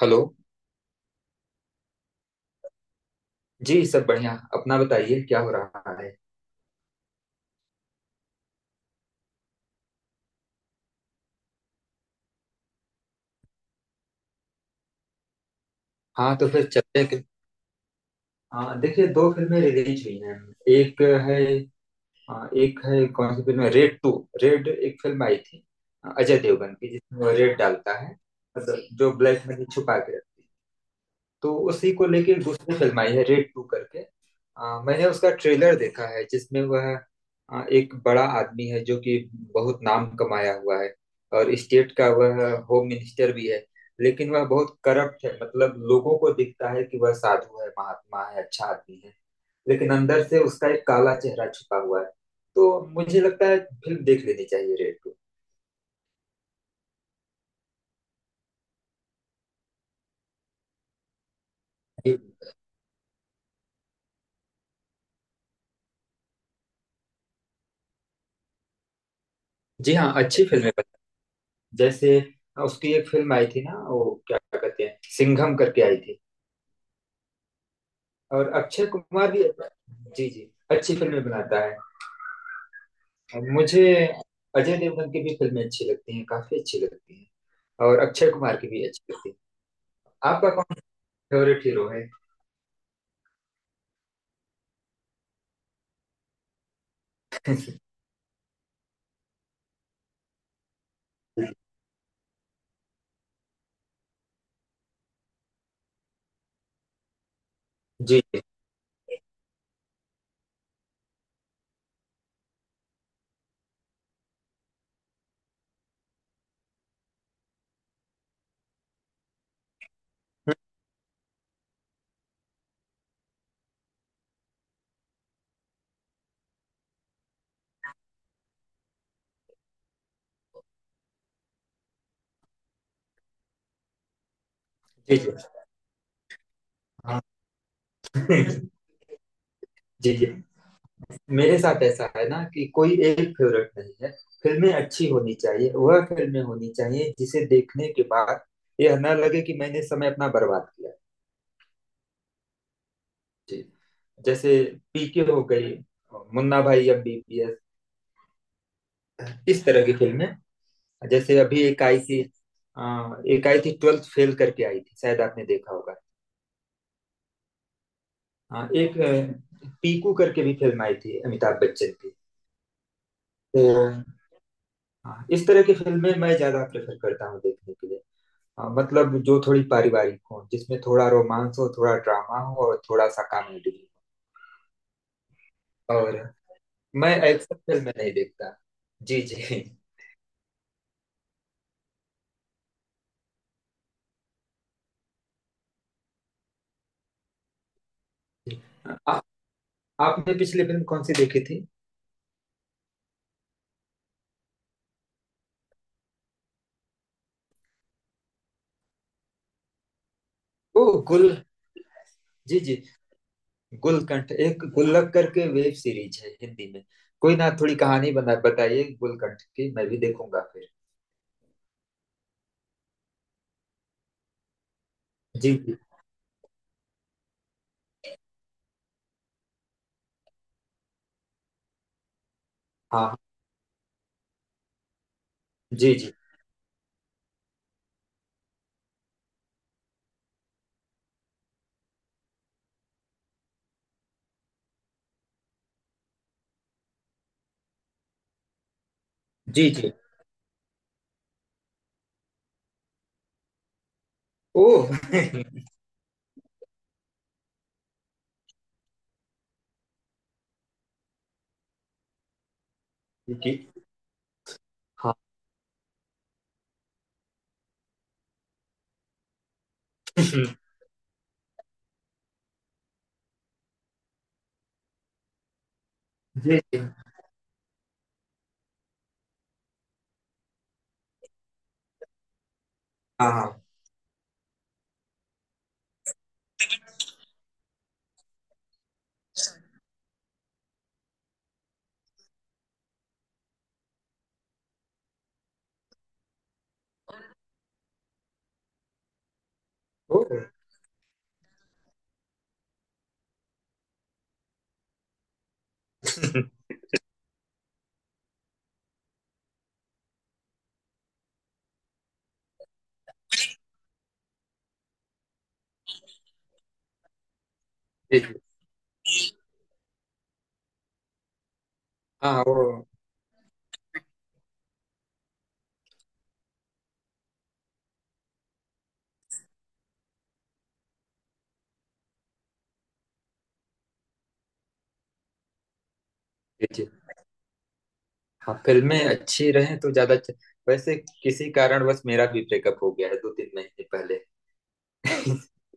Hello. जी सब बढ़िया, अपना बताइए क्या हो रहा है। हाँ तो फिर चलते हैं कि- हाँ देखिए, दो फिल्में रिलीज हुई हैं। एक है। हाँ, एक है कौन सी फिल्म है, रेड टू। रेड एक फिल्म आई थी अजय देवगन की, जिसमें वो रेड डालता है, मतलब जो ब्लैक मनी छुपा के रखती है। तो उसी को लेके एक दूसरी फिल्म आई है रेड टू करके। मैंने उसका ट्रेलर देखा है, जिसमें वह एक बड़ा आदमी है जो कि बहुत नाम कमाया हुआ है, और स्टेट का वह होम मिनिस्टर भी है। लेकिन वह बहुत करप्ट है, मतलब लोगों को दिखता है कि वह साधु है, महात्मा है, अच्छा आदमी है, लेकिन अंदर से उसका एक काला चेहरा छुपा हुआ है। तो मुझे लगता है फिल्म देख लेनी चाहिए, रेड टू। जी हाँ, अच्छी फिल्म है। जैसे हाँ, उसकी एक फिल्म आई थी ना, वो क्या कहते हैं, सिंघम करके आई थी। और अक्षय कुमार भी। जी जी, अच्छी फिल्में बनाता है। और मुझे अजय देवगन की भी फिल्में अच्छी लगती हैं, काफी अच्छी लगती हैं। और अक्षय कुमार की भी अच्छी लगती है। आपका कौन फेवरेट हीरो है। जी जी। जी जी। हाँ। जी जी। मेरे साथ ऐसा है ना कि कोई एक फेवरेट नहीं है। फिल्में अच्छी होनी चाहिए, वह फिल्में होनी चाहिए जिसे देखने के बाद यह ना लगे कि मैंने समय अपना बर्बाद किया। जी। जैसे पीके हो गई, मुन्ना भाई एमबीबीएस, इस तरह की फिल्में। जैसे अभी एक आई थी, एक आई थी ट्वेल्थ फेल करके आई थी, शायद आपने देखा होगा। पीकू करके भी फिल्म आई थी अमिताभ बच्चन की। तो हाँ, इस तरह की फिल्में मैं ज्यादा प्रेफर करता हूँ देखने के लिए। हाँ, मतलब जो थोड़ी पारिवारिक हो, जिसमें थोड़ा रोमांस हो, थोड़ा ड्रामा हो, और थोड़ा सा कॉमेडी हो। और मैं एक्शन फिल्में नहीं देखता। जी जी। आपने पिछली फिल्म कौन सी देखी थी। ओ गुल। जी जी। गुलकंठ, एक गुल्लक करके वेब सीरीज है हिंदी में। कोई ना, थोड़ी कहानी बना बताइए गुलकंठ की, मैं भी देखूंगा फिर। जी जी। हाँ। जी जी। जी जी। ओ। जी जी। हाँ। जी जी। हाँ हाँ। ओ। जी जी। हाँ वो। जी जी। हाँ फिल्में अच्छी रहें तो ज्यादा वैसे किसी कारणवश मेरा भी ब्रेकअप हो गया है दो तीन महीने पहले।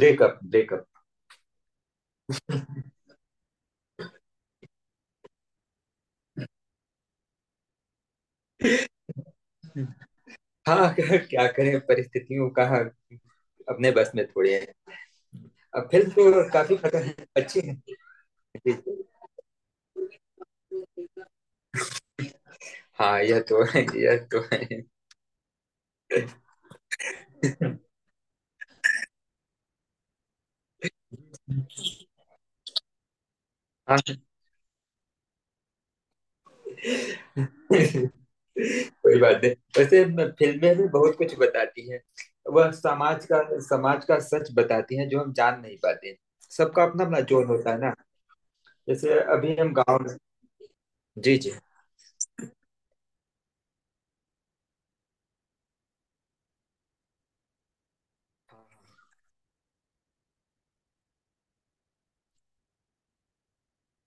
Breakup breakup. हाँ। क्या करें, परिस्थितियों का अपने बस में थोड़ी है। अब फिल्म तो काफी पसंद अच्छी है। जी, जी। हाँ यह तो है, यह तो है। हाँ कोई बात नहीं। वैसे फिल्में भी बहुत कुछ बताती हैं। वह समाज का सच बताती हैं जो हम जान नहीं पाते। सबका अपना अपना जोन होता है ना। जैसे अभी हम गांव में। जी जी।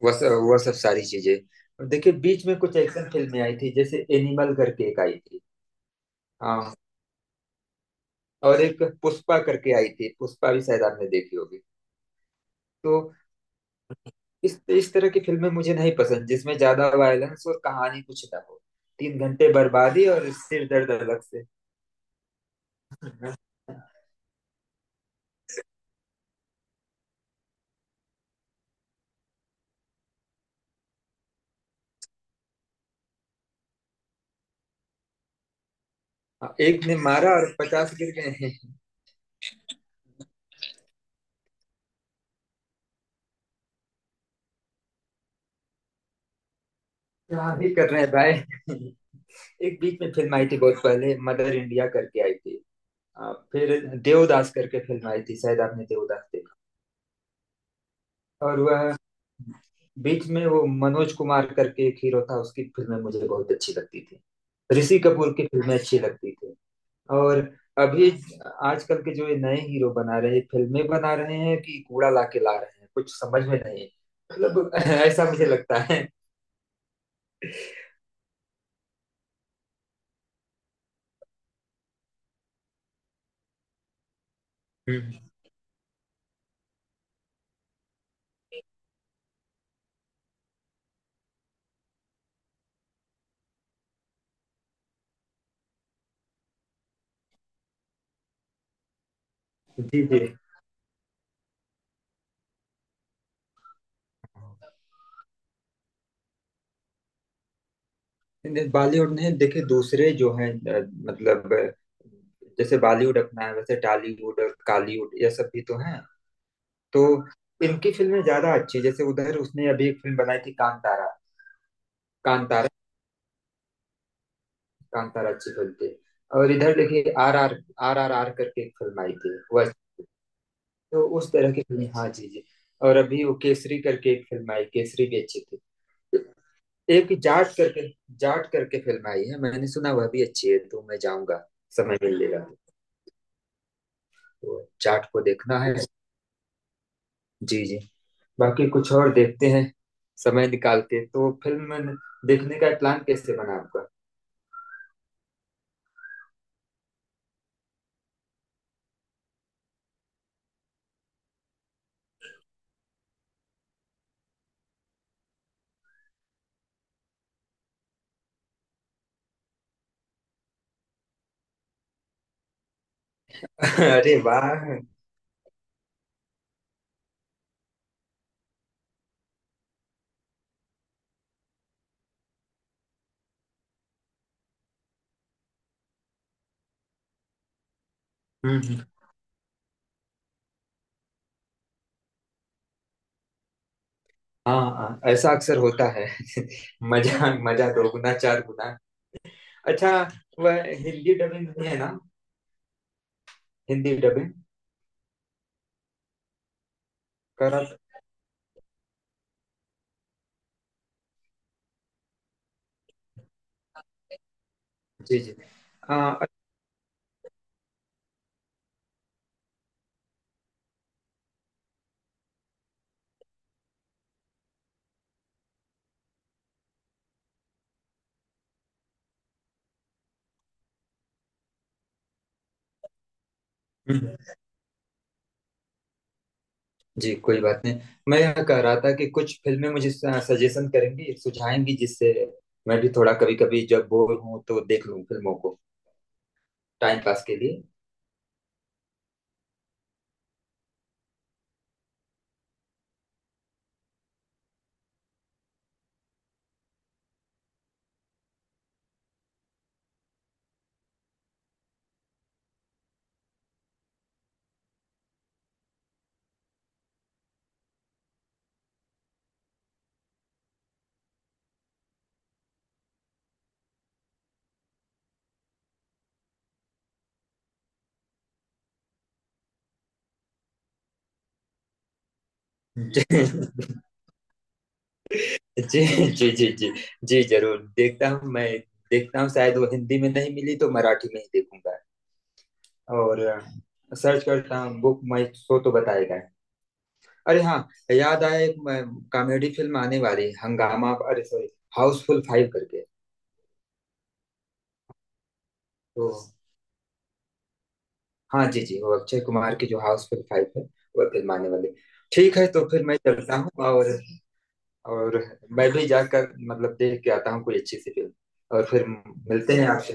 वह सब सारी चीजें। और देखिए, बीच में कुछ एक्शन फिल्में आई थी, जैसे एनिमल करके एक आई थी। हाँ। और एक पुष्पा करके आई थी, पुष्पा भी शायद आपने देखी होगी। तो इस तरह की फिल्में मुझे नहीं पसंद जिसमें ज्यादा वायलेंस और कहानी कुछ ना हो। तीन घंटे बर्बादी और सिर दर्द अलग से। हाँ, एक ने मारा और पचास गिर गए हैं। क्या भी कर रहे हैं भाई। एक बीच में फिल्म आई थी बहुत पहले, मदर इंडिया करके आई थी। फिर देवदास करके फिल्म आई थी, शायद आपने देवदास। और वह बीच में वो मनोज कुमार करके एक हीरो था, उसकी फिल्में मुझे बहुत अच्छी लगती थी। ऋषि कपूर की फिल्में अच्छी अच्छा लगती थी। और अभी आजकल के जो ये नए हीरो बना रहे हैं, फिल्में बना रहे हैं कि कूड़ा ला के ला रहे हैं, कुछ समझ में नहीं। मतलब ऐसा मुझे लगता है। हम्म। जी जी। नहीं, बॉलीवुड ने देखे दूसरे जो हैं, मतलब अ, जैसे बॉलीवुड अपना है, वैसे टॉलीवुड और कॉलीवुड ये सब भी तो हैं। तो इनकी फिल्में ज्यादा अच्छी है। जैसे उधर उसने अभी एक फिल्म बनाई थी कांतारा। कांतारा। कांतारा अच्छी फिल्म थी। और इधर देखिए R R R R R करके एक फिल्म आई थी, वो अच्छी थी। तो उस तरह की फिल्म। हाँ जी जी। और अभी वो केसरी करके एक फिल्म आई, केसरी भी अच्छी थी। एक जाट करके, जाट करके फिल्म आई है मैंने सुना, वह भी अच्छी है, तो मैं जाऊंगा समय मिलेगा तो। तो जाट को देखना है। जी जी। बाकी कुछ और देखते हैं समय निकाल के। तो फिल्म देखने का प्लान कैसे बना आपका। अरे वाह। हम्म। हाँ। हाँ, ऐसा अक्सर होता है। मजा मजा दो गुना चार गुना। अच्छा, वह हिंदी डबिंग भी है ना। हिंदी डबिंग कर रहा था। जी जी। आ। हम्म। जी कोई बात नहीं। मैं यह कह रहा था कि कुछ फिल्में मुझे सजेशन करेंगी, सुझाएंगी, जिससे मैं भी थोड़ा कभी कभी जब बोर हूं तो देख लूं फिल्मों को टाइम पास के लिए। जी जी। जी जी। जी जरूर देखता हूँ मैं, देखता हूँ। शायद वो हिंदी में नहीं मिली तो मराठी में ही देखूंगा। और सर्च करता हूँ बुक माई शो तो बताएगा। अरे हाँ, याद आया, एक कॉमेडी फिल्म आने वाली है, हंगामा अरे सॉरी हाउसफुल फाइव करके। तो हाँ जी जी, वो अक्षय कुमार की जो हाउसफुल फाइव है, वो फिल्म आने वाली है। ठीक है तो फिर मैं चलता हूँ। और मैं भी जाकर मतलब देख के आता हूँ कोई अच्छी सी फिल्म। और फिर मिलते हैं आपसे।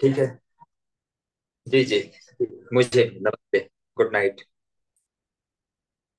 ठीक है। जी जी। मुझे नमस्ते। Good night.